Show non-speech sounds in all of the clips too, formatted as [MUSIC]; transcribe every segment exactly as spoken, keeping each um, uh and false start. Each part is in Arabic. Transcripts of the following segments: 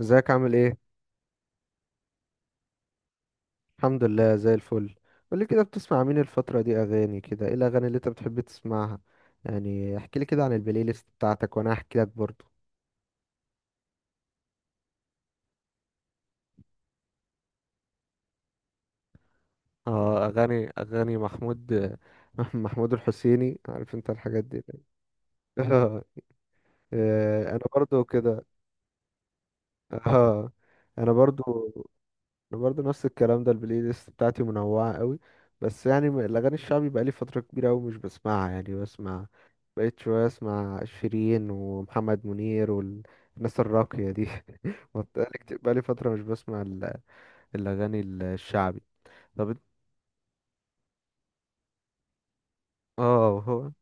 ازيك، عامل ايه؟ الحمد لله، زي الفل. قولي كده، بتسمع مين الفترة دي اغاني كده؟ ايه الاغاني اللي انت بتحب تسمعها؟ يعني احكي لي كده عن البلاي ليست بتاعتك وانا احكي لك برضو. اه، اغاني اغاني محمود. [LAUGHS] محمود الحسيني، عارف انت الحاجات دي؟ اه. [LAUGHS] آه، انا برضو كده. اه، انا برضو انا برضه نفس الكلام ده، البلاي ليست بتاعتي منوعه قوي. بس يعني م- الاغاني الشعبي بقالي فتره كبيره قوي مش بسمعها، يعني بسمع، بقيت شويه اسمع شيرين ومحمد منير والناس الراقيه دي. [LAUGHS] بط- بقالي كتير- بقالي فتره مش بسمع ال- الاغاني ال- الشعبي. طب إنت- اه، هو.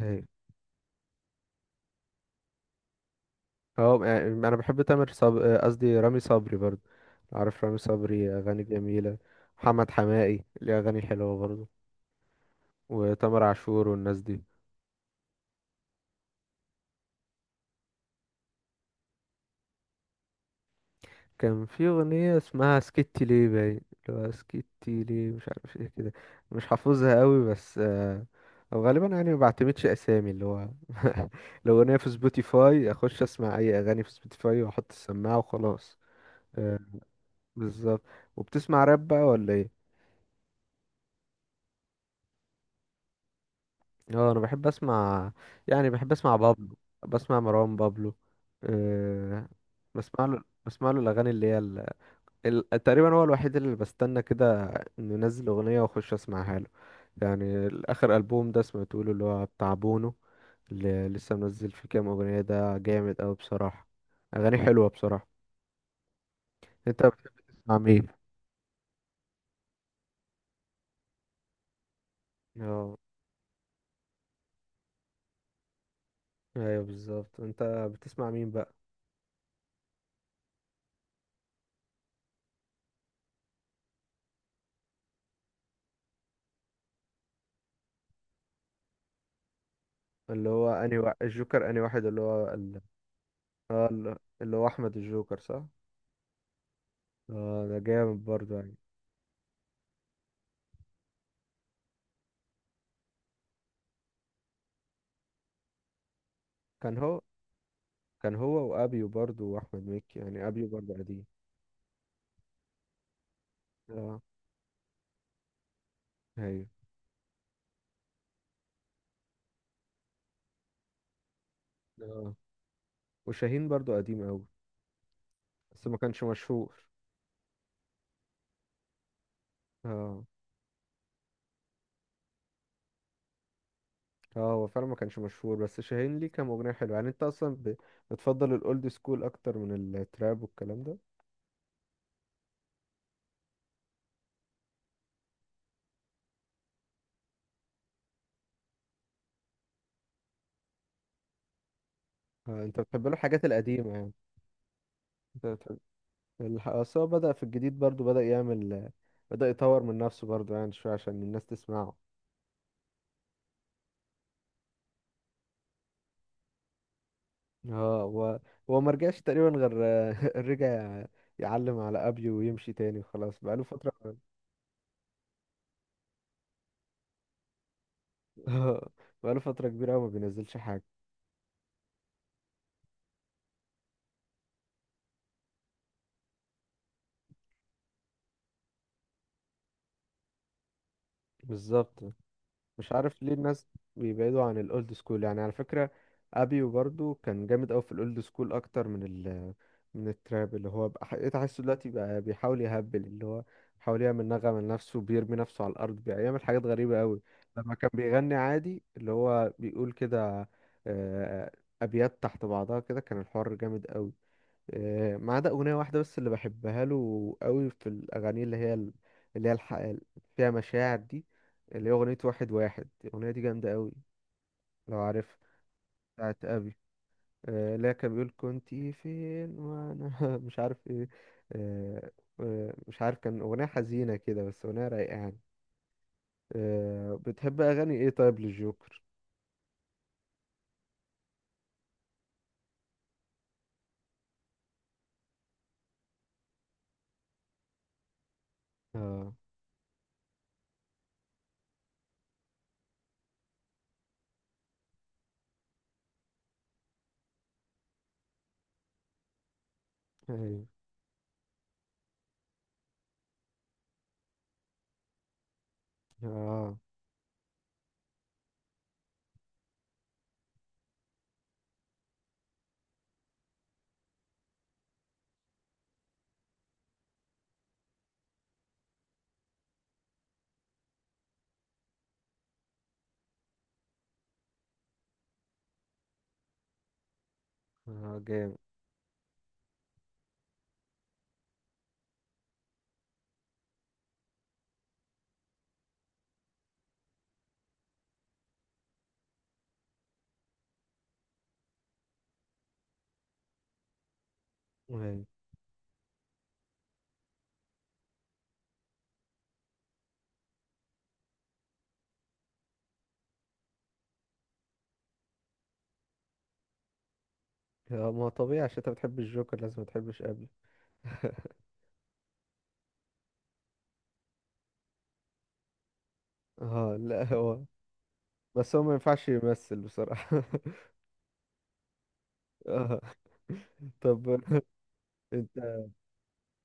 هي- هو يعني انا بحب تامر صبري، قصدي رامي صبري برضه. عارف رامي صبري اغاني جميله. محمد حماقي ليه اغاني حلوه برضه. وتامر عاشور والناس دي. كان في أغنية اسمها سكتي ليه باين، اللي هو سكتي ليه، مش عارف ايه كده. مش حافظها قوي بس. آه، أو غالبا، يعني ما بعتمدش أسامي، اللي هو. [LAUGHS] الأغنية في سبوتيفاي أخش أسمع أي أغاني في سبوتيفاي وأحط السماعة وخلاص. آه، بالظبط. وبتسمع راب بقى ولا ايه؟ اه، أنا بحب أسمع، يعني بحب أسمع بابلو. بسمع مروان بابلو. أه. بسمع له بسمع له الأغاني اللي هي ال... تقريبا هو الوحيد اللي بستنى كده انه ينزل اغنيه واخش اسمعها له. يعني الاخر البوم ده سمعته له، اللي هو بتاع بونو، اللي لسه منزل فيه كام اغنيه. ده جامد اوي بصراحه، اغاني حلوه بصراحه. انت بتحب تسمع مين؟ اه، ايوه بالظبط. انت بتسمع مين بقى؟ اللي هو انهي وا... الجوكر انهي واحد، اللي هو ال... اه. ال- اللي هو احمد الجوكر، صح؟ اه، ده جامد برضه يعني. كان هو كان هو وابيو برضه واحمد مكي، يعني ابيو برضه قديم. اه، ايوه. اه، وشاهين برضو قديم قوي. بس ما كانش مشهور. اه. اه، هو فعلا ما كانش مشهور، بس شاهين ليه كان مغنية حلوة يعني. انت اصلا ب... بتفضل الاولد سكول اكتر من التراب والكلام ده؟ آه انت بتحب له الحاجات القديمة يعني. انت بتحب الح- اصل هو بدأ في الجديد برضو، بدأ يعمل بدأ يطور من نفسه برضو يعني شوية عشان الناس تسمعه. اه، هو. هو ما رجعش تقريبا، غير [LAUGHS] رجع يعلم على ابيو ويمشي تاني وخلاص، بقاله فترة. [LAUGHS] بقاله فترة كبيرة أوي ما بينزلش حاجة. بالظبط. مش عارف ليه الناس بيبعدوا عن الاولد سكول، يعني على فكرة ابيو برضو كان جامد قوي في الاولد سكول اكتر من ال من التراب، اللي هو بقى إيه، تحسه دلوقتي بقى بيحاول يهبل، اللي هو بيحاول يعمل نغمة لنفسه، بيرمي نفسه على الارض، بيعمل حاجات غريبة قوي. لما كان بيغني عادي اللي هو بيقول كده، آه، ابيات تحت بعضها كده، كان الحوار جامد قوي. آه، ما عدا أغنية واحدة بس اللي بحبها له قوي في الأغاني، اللي هي ال- اللي هي الح... اللي فيها مشاعر دي، اللي هي أغنية واحد واحد، الأغنية دي جامدة قوي. لو عارف، بتاعت أبي، آه، اللي هي كان بيقول كنت فين وأنا، [LAUGHS] مش عارف إيه، آه، آه، مش عارف، كان أغنية حزينة كده بس أغنية رايقة يعني. آه، بتحب أغاني إيه طيب للجوكر؟ اه. أيوه. آه. آه، جامد. أيوه. آه، ما هو طبيعي، عشان أنت بتحب الجوكر لازم متحبش أبي. [LAUGHS] اه، لا، هو بس هو ما ينفعش يمثل بصراحة. [LAUGHS] اه، طب انت.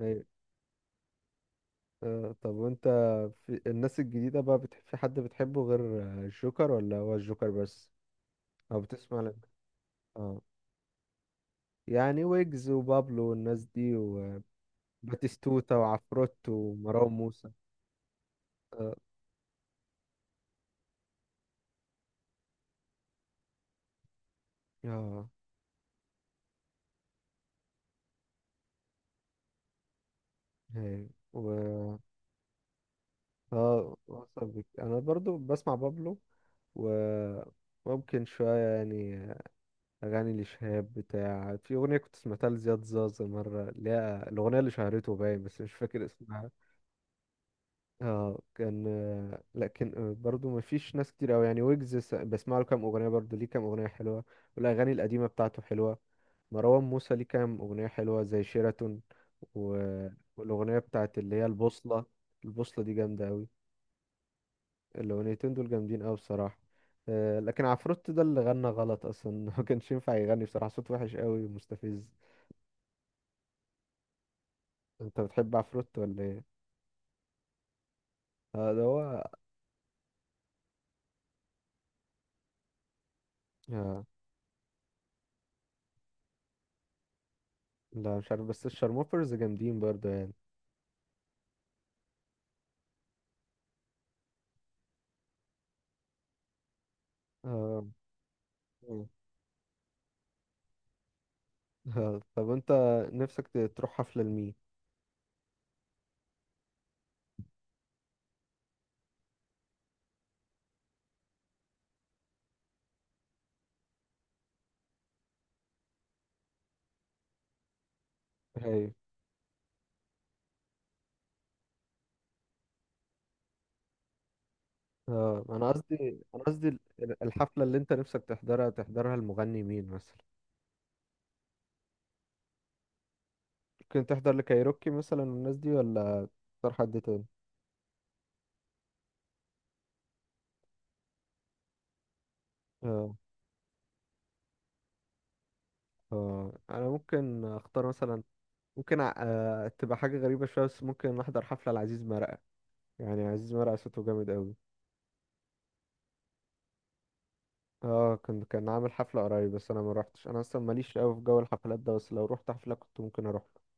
أيوة. اه، طب وانت في الناس الجديدة بقى بتح... في حد بتحبه غير الجوكر ولا هو الجوكر بس؟ او بتسمع لك. اه، يعني ويجز وبابلو والناس دي، وباتيستوتا وعفروت ومروان موسى. اه. اه. أيوة. و اه، وصل بك. انا برضو بسمع بابلو، وممكن شوية يعني أغاني لشهاب، بتاع، في أغنية كنت سمعتها لزياد زازا مرة، اللي هي الأغنية اللي شهرته باين بس مش فاكر اسمها. اه، كان. آه، لكن آه، برضو ما فيش ناس كتير أوي يعني. ويجز س- بسمع له كام أغنية، برضو ليه كام أغنية حلوة، والأغاني القديمة بتاعته حلوة. مروان موسى ليه كام أغنية حلوة زي شيراتون، و... والأغنية بتاعت اللي هي البوصلة. البوصلة دي جامدة أوي، الأغنيتين دول جامدين أوي بصراحة. آه، لكن عفروت ده اللي غنى غلط أصلا. [LAUGHS] ما كانش ينفع يغني بصراحة، صوت وحش أوي ومستفز. انت بتحب عفروت ولا ايه؟ اه، ده هو. اه، لا مش عارف، بس الشارموفرز جامدين برضه يعني. اه. مم. [LAUGHS] اه، طب انت نفسك ت- تروح حفلة لمين؟ هاي. اه، انا قصدي انا قصدي ال- ال- الحفلة اللي انت نفسك تحضرها، تحضرها المغني مين مثلا؟ ممكن تحضر لكايروكي مثلا والناس دي، ولا تختار حد تاني؟ اه. اه، انا ممكن اختار مثلا، ممكن ع- آه تبقى حاجة غريبة شوية بس ممكن احضر حفلة لعزيز مرقة، يعني عزيز مرقة صوته جامد قوي. اه، كان كان عامل حفلة قريب بس انا ما روحتش، انا اصلا ماليش قوي في جو الحفلات ده، بس لو روحت حفلة كنت ممكن اروح له.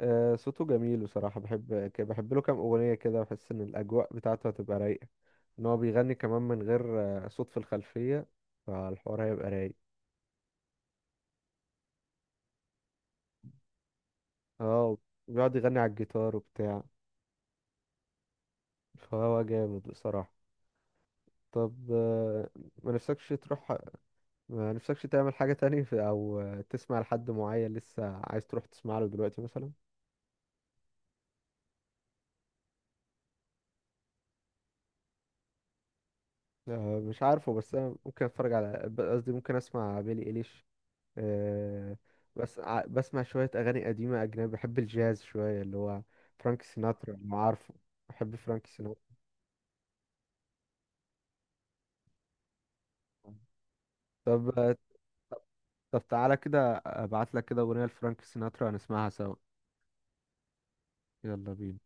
آه صوته جميل بصراحة، بحب ك- بحب له كام اغنية كده، بحس ان الاجواء بتاعته هتبقى رايقة، ان هو بيغني كمان من غير آه، صوت في الخلفية، فالحوار هيبقى رايق. اه، بيقعد يغني على الجيتار وبتاع. فهو جامد بصراحة. طب. آه، ما نفسكش تروح، ما نفسكش تعمل حاجة تاني في- او آه، تسمع لحد معين لسه عايز تروح تسمع له دلوقتي مثلا؟ آه، مش عارفه، بس انا ممكن اتفرج على ب- قصدي ممكن اسمع بيلي ايليش. آه، بس ع- بسمع شويه اغاني قديمه اجنبي، بحب الجاز شويه، اللي هو فرانك سيناترا، لو عارفه. بحب فرانك سيناترا. طب. آه، طب تعالى كده ابعت لك كده اغنيه لفرانك سيناترا، هنسمعها سوا. يلا بينا.